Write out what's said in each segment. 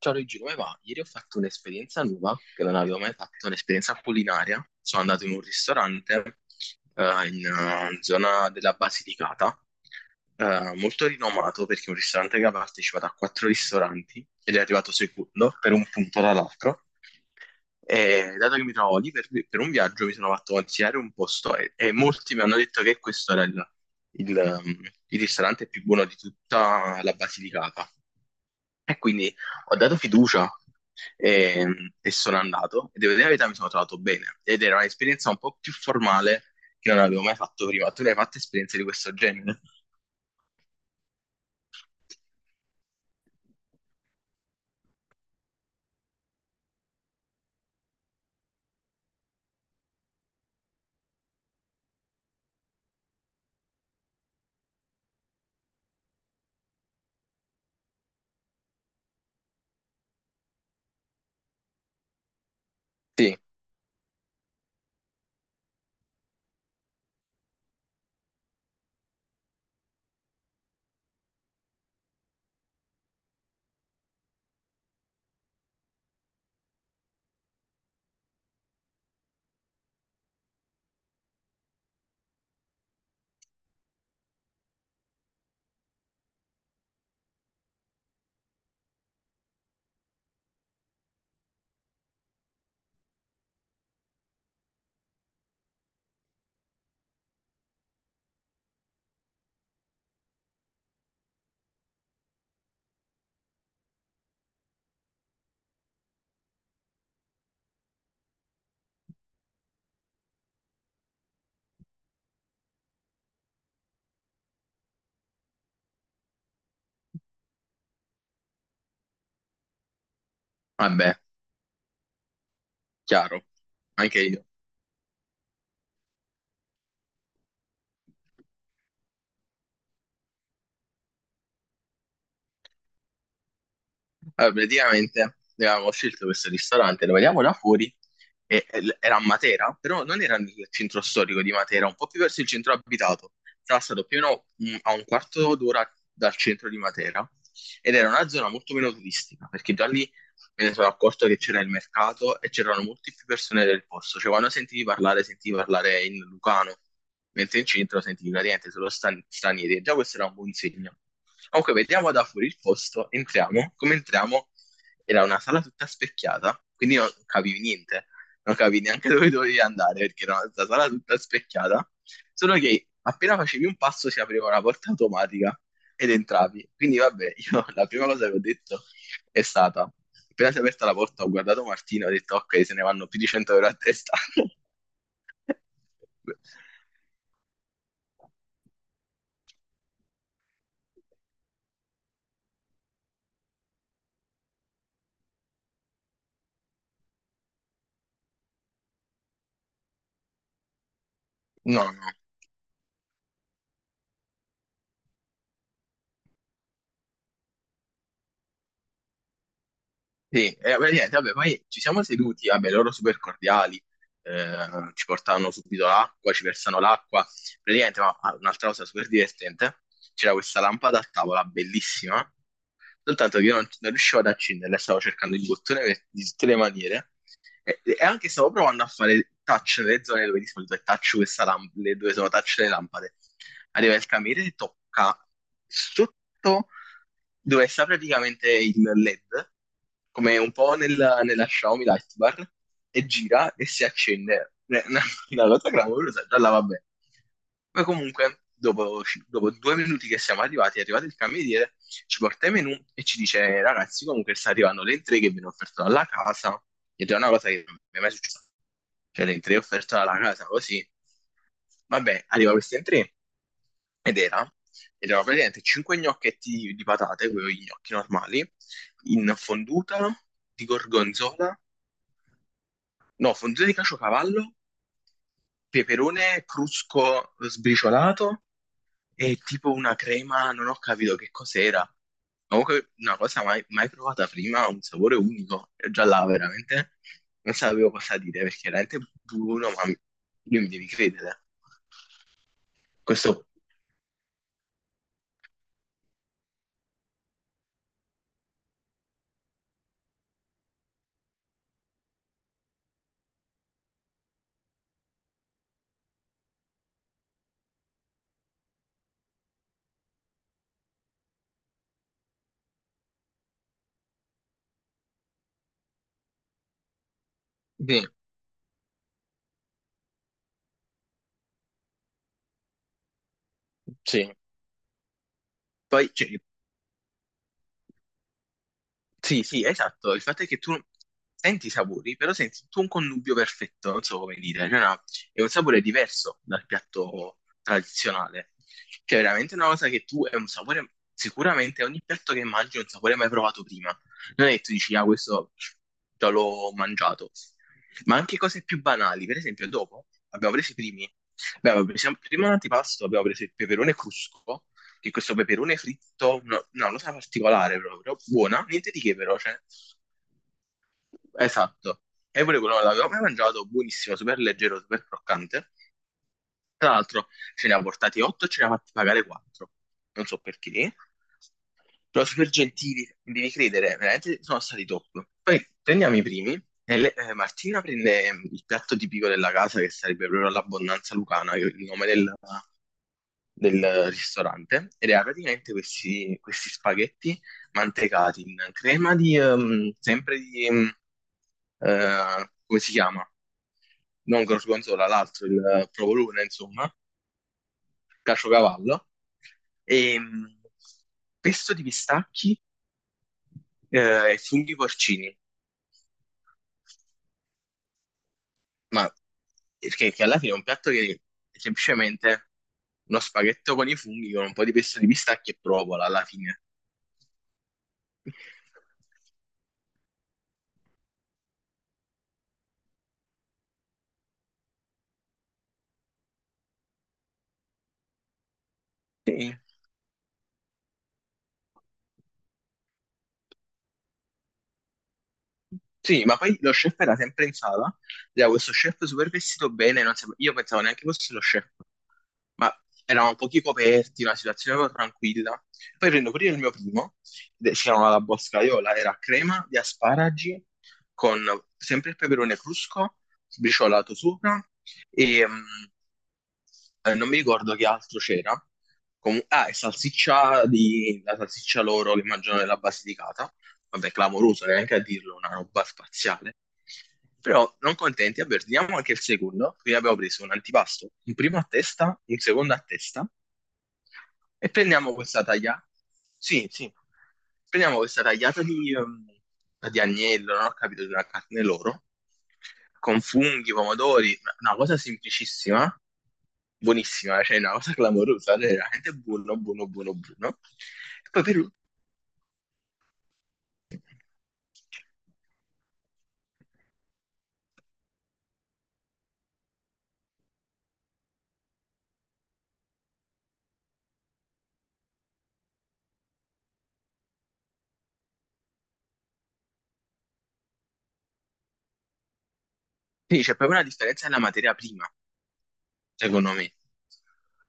Ciao Luigi, come va? Ieri ho fatto un'esperienza nuova che non avevo mai fatto, un'esperienza culinaria. Sono andato in un ristorante in zona della Basilicata, molto rinomato perché è un ristorante che ha partecipato a quattro ristoranti ed è arrivato secondo per un punto dall'altro. E dato che mi trovo lì per un viaggio, mi sono fatto consigliare un posto e molti mi hanno detto che questo era il il ristorante più buono di tutta la Basilicata. E quindi ho dato fiducia e, e sono andato. E devo dire la verità, mi sono trovato bene. Ed era un'esperienza un po' più formale che non avevo mai fatto prima. Tu ne hai fatte esperienze di questo genere? Sì, vabbè, chiaro, anche io. Allora, praticamente abbiamo scelto questo ristorante, lo vediamo da fuori, era a Matera, però non era nel centro storico di Matera, un po' più verso il centro abitato. Era stato più o meno, a un quarto d'ora dal centro di Matera ed era una zona molto meno turistica, perché già lì me ne sono accorto che c'era il mercato e c'erano molte più persone del posto. Cioè, quando sentivi parlare in Lucano, mentre in centro sentivi praticamente solo stranieri. E già questo era un buon segno. Comunque, vediamo da fuori il posto, entriamo. Come entriamo, era una sala tutta specchiata, quindi non capivi niente. Non capivi neanche dove dovevi andare, perché era una sala tutta specchiata. Solo che appena facevi un passo si apriva una porta automatica ed entravi. Quindi vabbè, io la prima cosa che ho detto è stata, appena si è aperta la porta, ho guardato Martina e ho detto, ok, se ne vanno più di 100 euro a testa. No, no, sì, beh, niente, vabbè, poi ci siamo seduti, vabbè, loro super cordiali, ci portavano subito l'acqua, ci versano l'acqua, praticamente, ma ah, un'altra cosa super divertente, c'era questa lampada a tavola bellissima, soltanto che io non, non riuscivo ad accenderla, stavo cercando il bottone di tutte le maniere, e anche stavo provando a fare touch nelle zone dove di solito è touch questa lamp- le dove sono touch le lampade, arriva il cameriere e tocca sotto dove sta praticamente il LED, come un po' nella Xiaomi Lightbar, e gira e si accende. Una cosa clamorosa, già là va bene. Poi comunque, dopo, dopo due minuti che siamo arrivati, è arrivato il cameriere, ci porta i menù e ci dice, ragazzi, comunque sta arrivando l'entrée che viene offerta dalla casa, ed è una cosa che non mi è mai successa. Cioè, l'entrée offerta dalla casa, così. Vabbè, arriva questa entrée, ed era ed erano praticamente 5 gnocchetti di patate, quei gnocchi normali, in fonduta di gorgonzola, no, fonduta di caciocavallo, peperone crusco sbriciolato e tipo una crema, non ho capito che cos'era. Comunque una cosa mai provata prima, un sapore unico. E già là veramente non sapevo cosa dire perché era veramente buono, io mi devi credere. Questo sì, sì. Poi cioè, sì, sì, esatto. Il fatto è che tu senti i sapori, però senti tu un connubio perfetto, non so come dire. Cioè, no, è un sapore diverso dal piatto tradizionale. Cioè, è veramente una cosa che tu è un sapore. Sicuramente ogni piatto che mangi è un sapore mai provato prima. Non è che tu dici, ah, questo già l'ho mangiato. Ma anche cose più banali. Per esempio, dopo abbiamo preso i primi. Abbiamo preso prima un antipasto, abbiamo preso il peperone crusco, che questo peperone fritto, no, no, una cosa particolare proprio, buona, niente di che però, cioè, esatto. E pure quello l'avevo mai mangiato, buonissimo, super leggero, super croccante. Tra l'altro ce ne ha portati 8 e ce ne ha fatti pagare 4. Non so perché. Però super gentili, devi credere, veramente sono stati top. Poi prendiamo i primi. Martina prende il piatto tipico della casa, che sarebbe proprio l'abbondanza lucana, che è il nome del ristorante, ed era praticamente questi spaghetti mantecati in crema di, sempre di, come si chiama? Non gorgonzola, l'altro, il provolone, insomma, caciocavallo, e mh, pesto di pistacchi e funghi porcini, ma perché che alla fine è un piatto che è semplicemente uno spaghetto con i funghi con un po' di pesto di pistacchi e provola alla fine. Sì. Sì, ma poi lo chef era sempre in sala, era questo chef super vestito bene, non sape- io pensavo neanche fosse lo chef, ma erano pochi coperti, una situazione proprio tranquilla. Poi prendo pure il mio primo, si chiamava la boscaiola, era crema di asparagi con sempre il peperone crusco, sbriciolato sopra, e non mi ricordo che altro c'era. Ah, e salsiccia di, la salsiccia loro che mangiano nella Basilicata, vabbè, clamoroso, neanche a dirlo, una roba spaziale. Però non contenti, vabbè, ordiniamo anche il secondo, quindi abbiamo preso un antipasto, un primo a testa, un secondo a testa, e prendiamo questa tagliata, sì, sì, prendiamo questa tagliata di di agnello, non ho capito, di una carne loro, con funghi, pomodori, una cosa semplicissima, buonissima, cioè una cosa clamorosa, cioè veramente buono, buono, buono, buono. E poi per sì, c'è proprio una differenza nella materia prima, secondo me.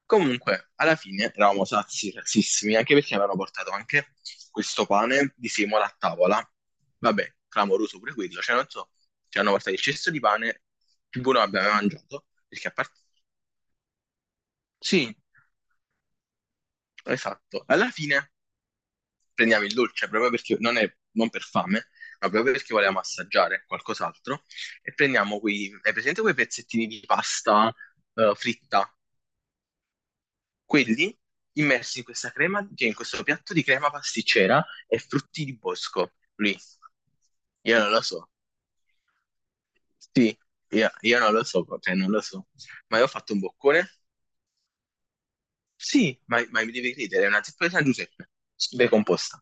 Comunque, alla fine eravamo sazi, razzissimi, anche perché avevano portato anche questo pane di semola a tavola. Vabbè, clamoroso pure quello, cioè non so, ci hanno portato il cesto di pane più buono che abbiamo mai mangiato, perché a parte... sì, esatto. Alla fine prendiamo il dolce proprio perché non per fame, ma proprio perché volevamo assaggiare qualcos'altro e prendiamo quei, hai presente quei pezzettini di pasta fritta? Quelli immersi in questa crema, cioè in questo piatto di crema pasticcera e frutti di bosco. Lì, io non lo so. Sì, io non lo so, cioè non lo so. Ma io ho fatto un boccone? Sì, ma mi devi credere, è una zeppa di San Giuseppe, decomposta.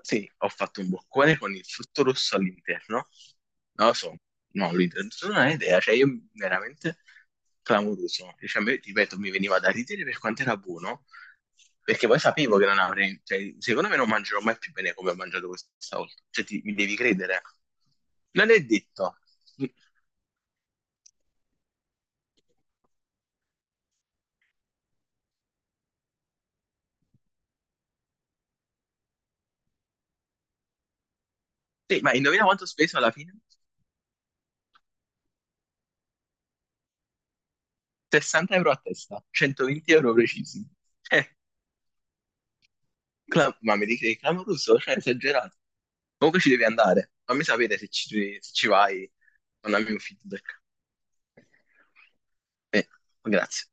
Sì, ho fatto un boccone con il frutto rosso all'interno. Non lo so, no, all'interno non ho idea, cioè io veramente clamoroso. Cioè, a me, ripeto, mi veniva da ridere per quanto era buono, perché poi sapevo che non avrei, cioè, secondo me non mangerò mai più bene come ho mangiato questa volta. Cioè, mi devi credere. Non è detto. Sì, ma indovina quanto ho speso alla fine? 60 euro a testa, 120 euro precisi. Eh, cla- ma mi dici che è clamoroso, cioè, esagerato. Comunque ci devi andare. Fammi sapere se ci, se ci vai, mandami un feedback. Eh, grazie.